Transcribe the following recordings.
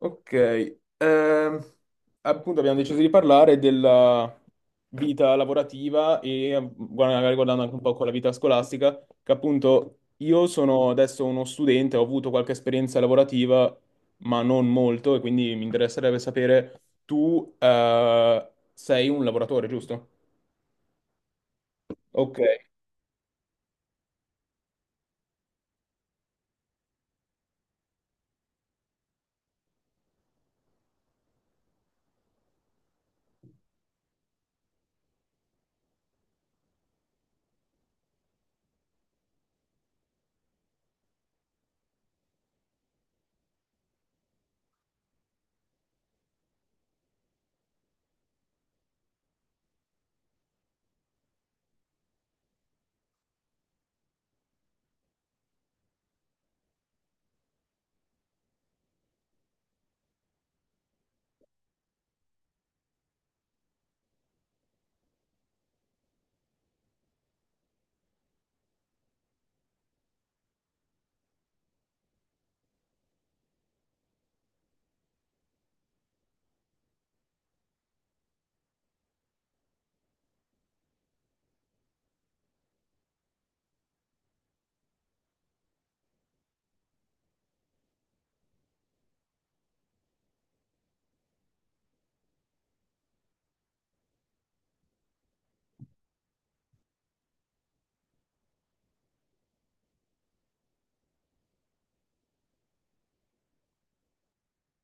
Ok, ehm, appunto abbiamo deciso di parlare della vita lavorativa e magari guardando anche un po' con la vita scolastica, che appunto io sono adesso uno studente, ho avuto qualche esperienza lavorativa, ma non molto, e quindi mi interesserebbe sapere, tu sei un lavoratore, giusto? Ok.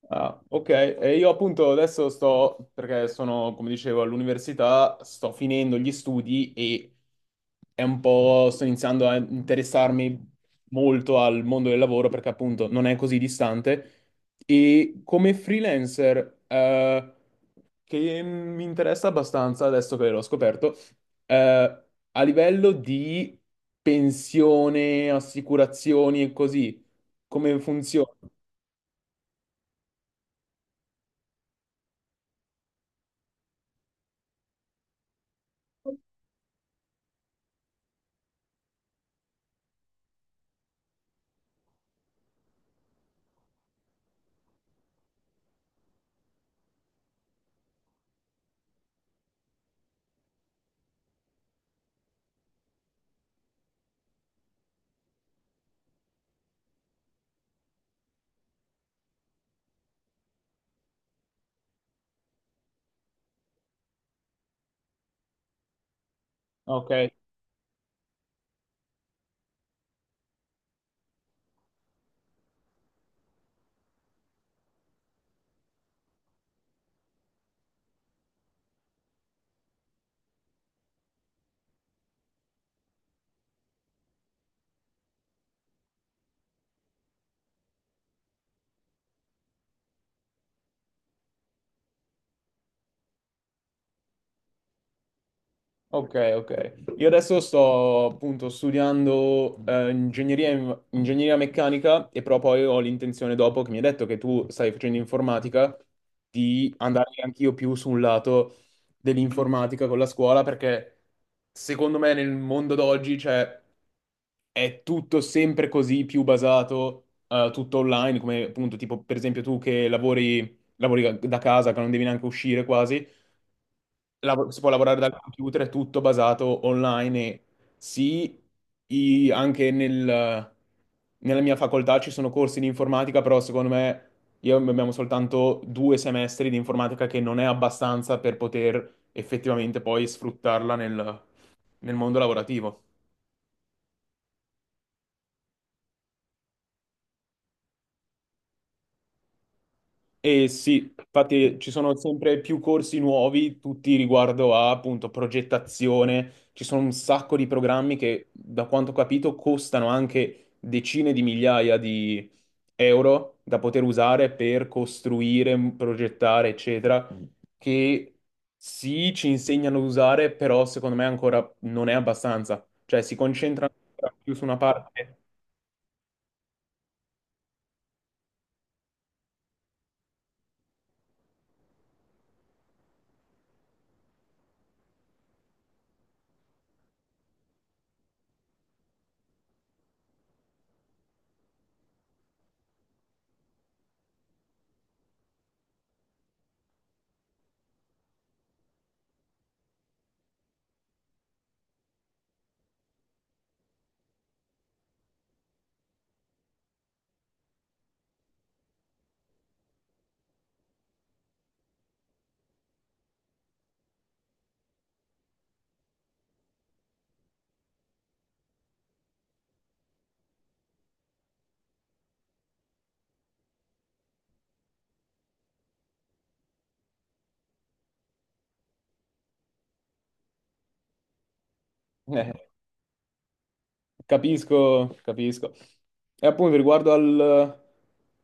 Ah, ok, e io appunto adesso sto, perché sono, come dicevo, all'università, sto finendo gli studi e è un po', sto iniziando a interessarmi molto al mondo del lavoro perché appunto non è così distante e come freelancer, che mi interessa abbastanza adesso che l'ho scoperto, eh, a livello di pensione, assicurazioni e così, come funziona? Ok. Ok, ok. Io adesso sto appunto studiando ingegneria, ingegneria meccanica e però poi ho l'intenzione dopo che mi hai detto che tu stai facendo informatica di andare anch'io più sul lato dell'informatica con la scuola perché secondo me nel mondo d'oggi cioè, è tutto sempre così più basato tutto online come appunto tipo per esempio tu che lavori, lavori da casa che non devi neanche uscire quasi si può lavorare dal computer, è tutto basato online e sì, anche nella mia facoltà ci sono corsi di informatica, però secondo me io abbiamo soltanto due semestri di informatica che non è abbastanza per poter effettivamente poi sfruttarla nel nel mondo lavorativo. E sì, infatti ci sono sempre più corsi nuovi, tutti riguardo a appunto progettazione. Ci sono un sacco di programmi che, da quanto ho capito, costano anche decine di migliaia di euro da poter usare per costruire, progettare, eccetera, che sì, ci insegnano ad usare, però secondo me ancora non è abbastanza. Cioè si concentrano ancora più su una parte. Capisco, capisco. E appunto riguardo al...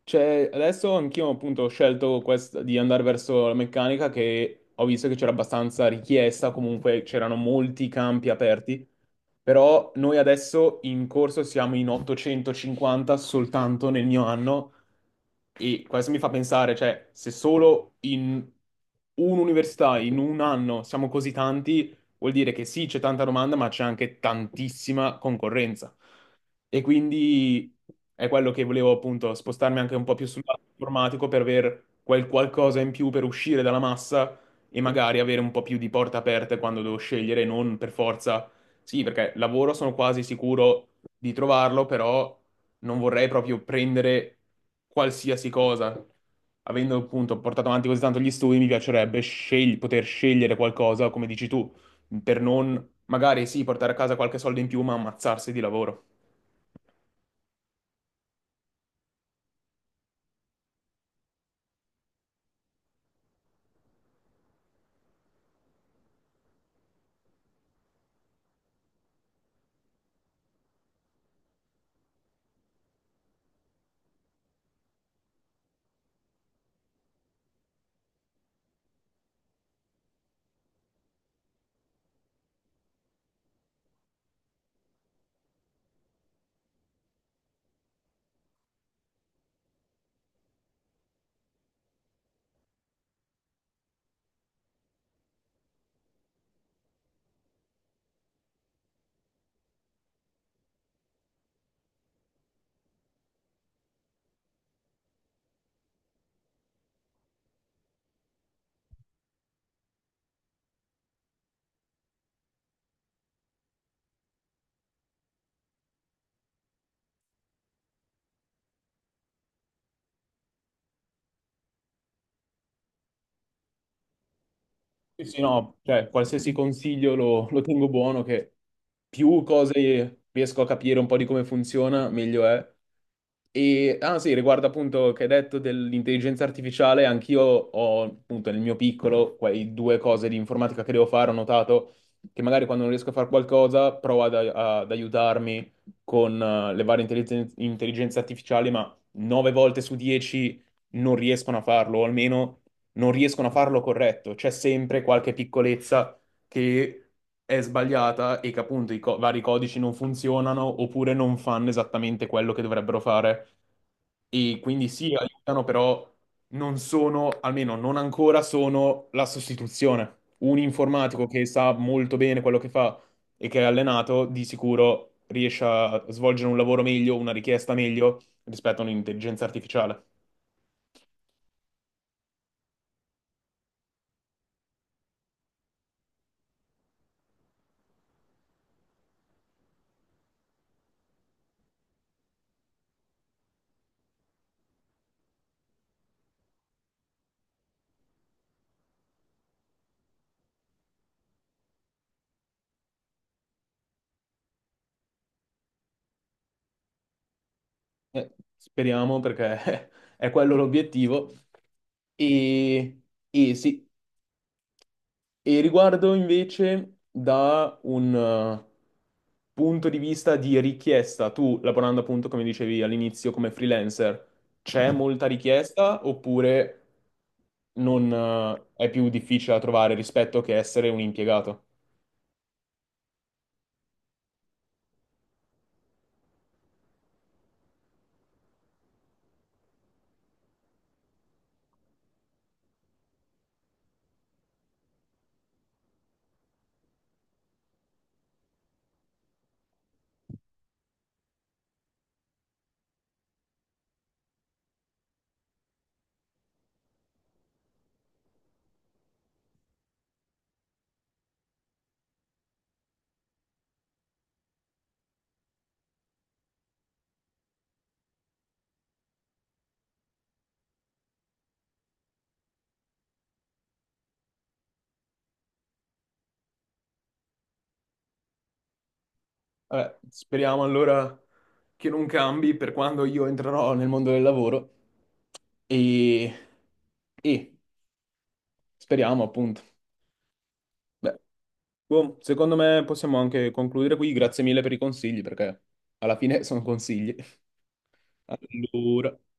Cioè, adesso anch'io appunto ho scelto di andare verso la meccanica che ho visto che c'era abbastanza richiesta, comunque c'erano molti campi aperti, però noi adesso in corso siamo in 850 soltanto nel mio anno e questo mi fa pensare, cioè, se solo in un'università, in un anno siamo così tanti, vuol dire che sì, c'è tanta domanda, ma c'è anche tantissima concorrenza. E quindi è quello che volevo appunto spostarmi anche un po' più sul lato informatico per aver quel qualcosa in più per uscire dalla massa e magari avere un po' più di porte aperte quando devo scegliere, non per forza. Sì, perché lavoro sono quasi sicuro di trovarlo, però non vorrei proprio prendere qualsiasi cosa. Avendo appunto portato avanti così tanto gli studi, mi piacerebbe poter scegliere qualcosa, come dici tu, per non magari sì portare a casa qualche soldo in più, ma ammazzarsi di lavoro. Sì, sì, no, cioè, qualsiasi consiglio lo, lo tengo buono, che più cose riesco a capire un po' di come funziona, meglio è. E, ah sì, riguardo appunto che hai detto dell'intelligenza artificiale, anch'io ho appunto nel mio piccolo quei due cose di informatica che devo fare, ho notato che magari quando non riesco a fare qualcosa provo ad aiutarmi con le varie intelligenze artificiali, ma nove volte su dieci non riescono a farlo, o almeno non riescono a farlo corretto. C'è sempre qualche piccolezza che è sbagliata e che appunto vari codici non funzionano oppure non fanno esattamente quello che dovrebbero fare. E quindi sì, aiutano, però non sono, almeno non ancora, sono la sostituzione. Un informatico che sa molto bene quello che fa e che è allenato, di sicuro riesce a svolgere un lavoro meglio, una richiesta meglio rispetto a un'intelligenza artificiale. Eh, speriamo perché è quello l'obiettivo. E, e sì, e riguardo invece da un punto di vista di richiesta, tu lavorando appunto come dicevi all'inizio come freelancer, c'è molta richiesta oppure non, è più difficile da trovare rispetto che essere un impiegato? Vabbè, speriamo allora che non cambi per quando io entrerò nel mondo del lavoro e, e speriamo appunto. Beh, boh, secondo me possiamo anche concludere qui. Grazie mille per i consigli perché alla fine sono consigli. Allora.